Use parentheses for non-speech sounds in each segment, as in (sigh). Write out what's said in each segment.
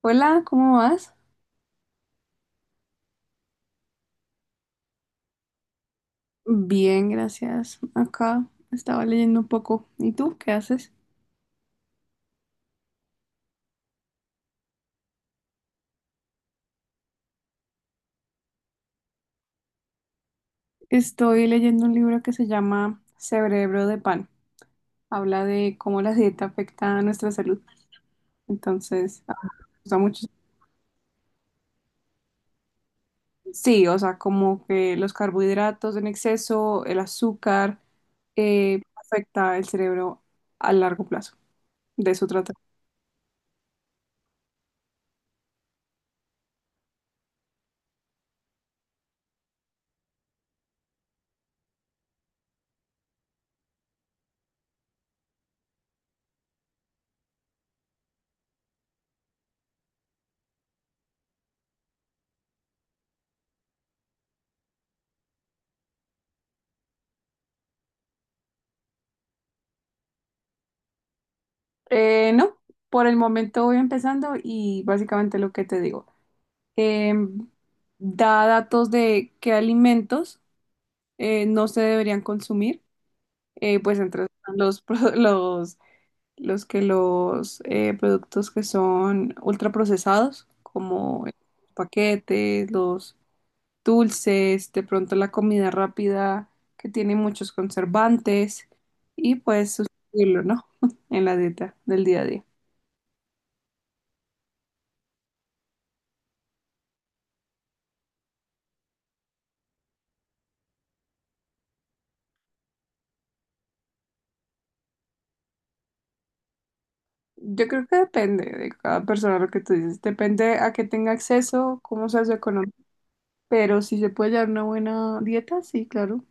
Hola, ¿cómo vas? Bien, gracias. Acá estaba leyendo un poco. ¿Y tú qué haces? Estoy leyendo un libro que se llama Cerebro de Pan. Habla de cómo la dieta afecta a nuestra salud. Entonces, me gusta mucho. Sí, o sea, como que los carbohidratos en exceso, el azúcar, afecta el cerebro a largo plazo. De eso trata. No, por el momento voy empezando y básicamente lo que te digo. eh, Da datos de qué alimentos, no se deberían consumir, pues entre los, pro- (laughs) los, los que los productos que son ultraprocesados, como paquetes, los dulces, de pronto la comida rápida que tiene muchos conservantes y pues sustituirlo, ¿no? (laughs) En la dieta del día a día. Yo creo que depende de cada persona lo que tú dices, depende a qué tenga acceso, cómo sea su economía. Pero si se puede llevar una buena dieta, sí, claro.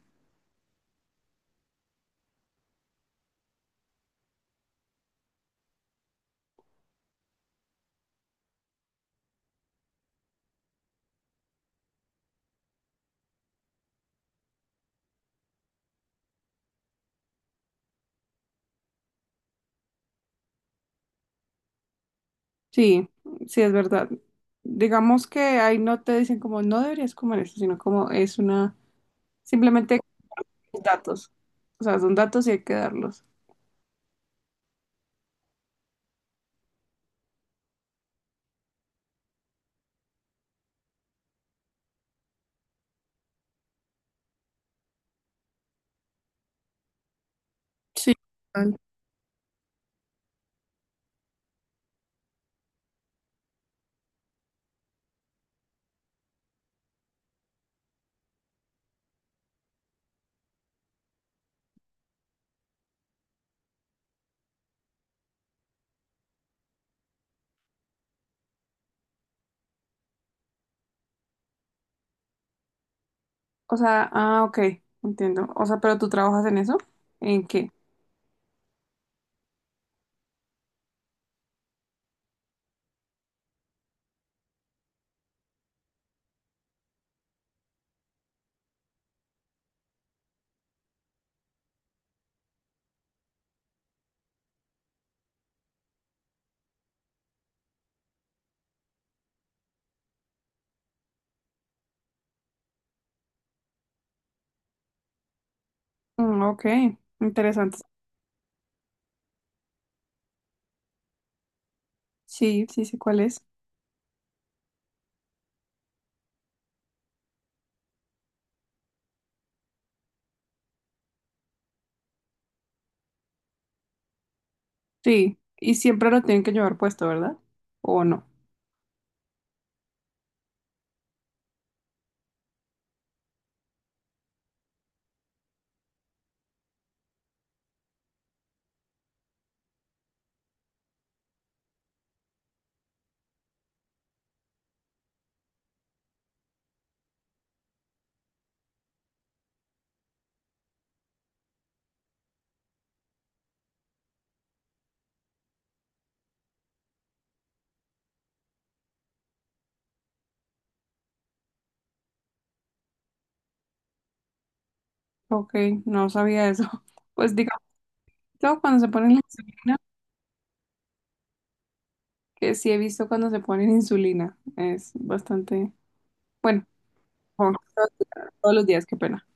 Sí, sí, es verdad. Digamos que ahí no te dicen como no deberías comer esto, sino como es una, simplemente datos. O sea, son datos y hay que darlos. Sí, total. O sea, ok, entiendo. O sea, pero tú trabajas en eso, ¿en qué? Mm, ok, interesante. Sí, sí, sé cuál es. Sí, y siempre lo tienen que llevar puesto, ¿verdad? ¿O no? Ok, no sabía eso. (laughs) Pues digamos, claro, cuando se ponen las (laughs) que sí he visto cuando se ponen insulina. Es bastante, bueno, ojo, todos los días, qué pena.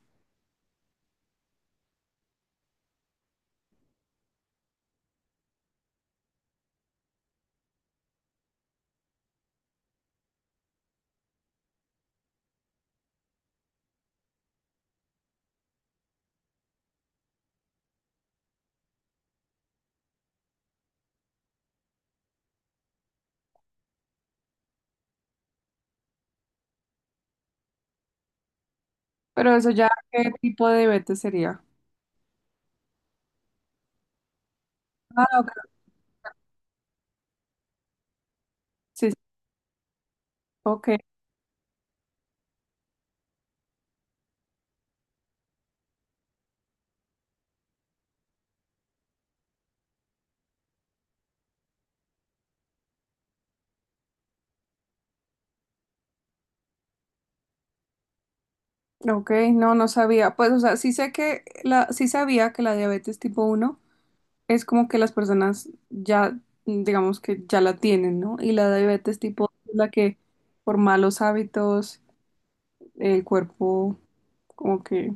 Pero eso ya, ¿qué tipo de diabetes sería? Ah, ok. Sí, sí, ok, ok, no, no sabía. Pues, o sea, sí sé que la, sí sabía que la diabetes tipo uno es como que las personas ya, digamos que ya la tienen, ¿no? Y la diabetes tipo 2 es la que por malos hábitos el cuerpo como que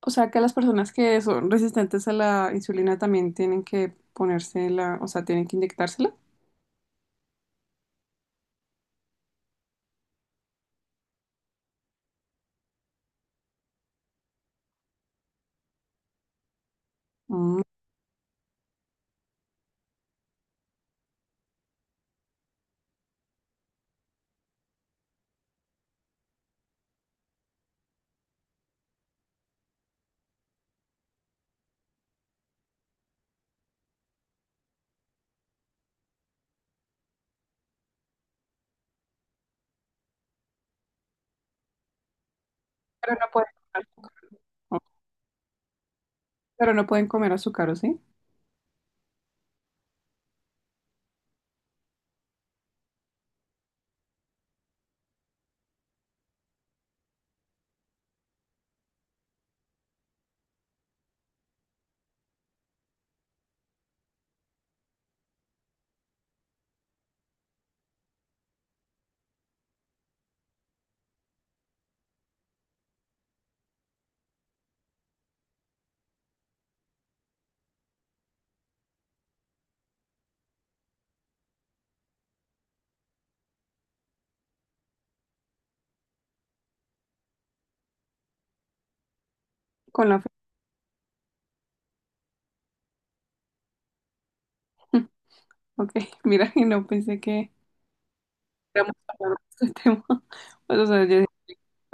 O sea, que las personas que son resistentes a la insulina también tienen que ponérsela, o sea, tienen que inyectársela. Mm, pero no pueden comer azúcar. Oh, pero no pueden comer azúcar, ¿o sí? Con la fe. (laughs) Ok, mira, y no pensé que íbamos a hablar de este tema. (laughs) Pues, o sea, yo,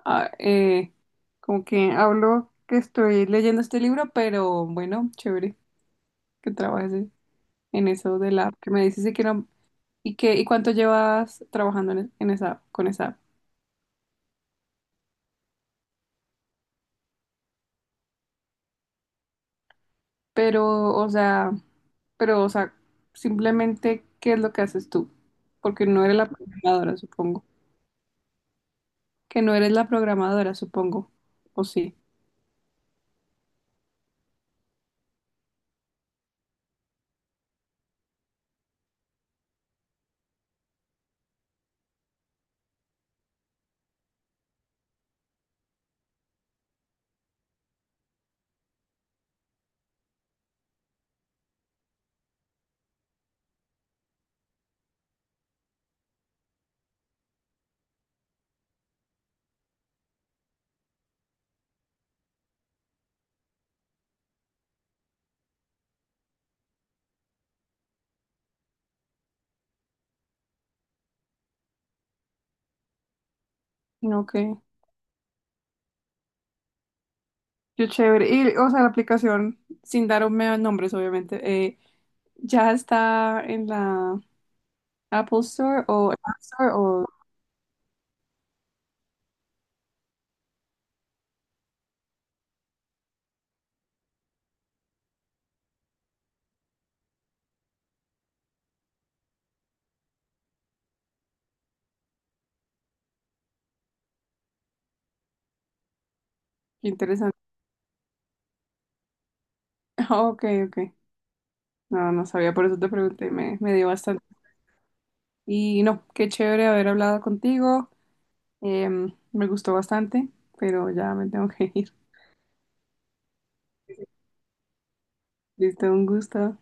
ah, eh, como que hablo que estoy leyendo este libro, pero bueno, chévere que trabajes en eso de la app que me dices y que no. ¿Y qué, y cuánto llevas trabajando en esa, con esa app? Pero, o sea, pero, o sea, simplemente, ¿qué es lo que haces tú? Porque no eres la programadora, supongo. Que no eres la programadora, supongo. O sí. No, que. Yo chévere. Y, o sea, la aplicación, sin darme nombres, obviamente, ya está en la Apple Store o App Store o. Qué interesante. (laughs) Ah, ok, ok. No, no sabía, por eso te pregunté, me dio bastante. Y no, qué chévere haber hablado contigo. Me gustó bastante, pero ya me tengo que (laughs) ir. Listo, un gusto.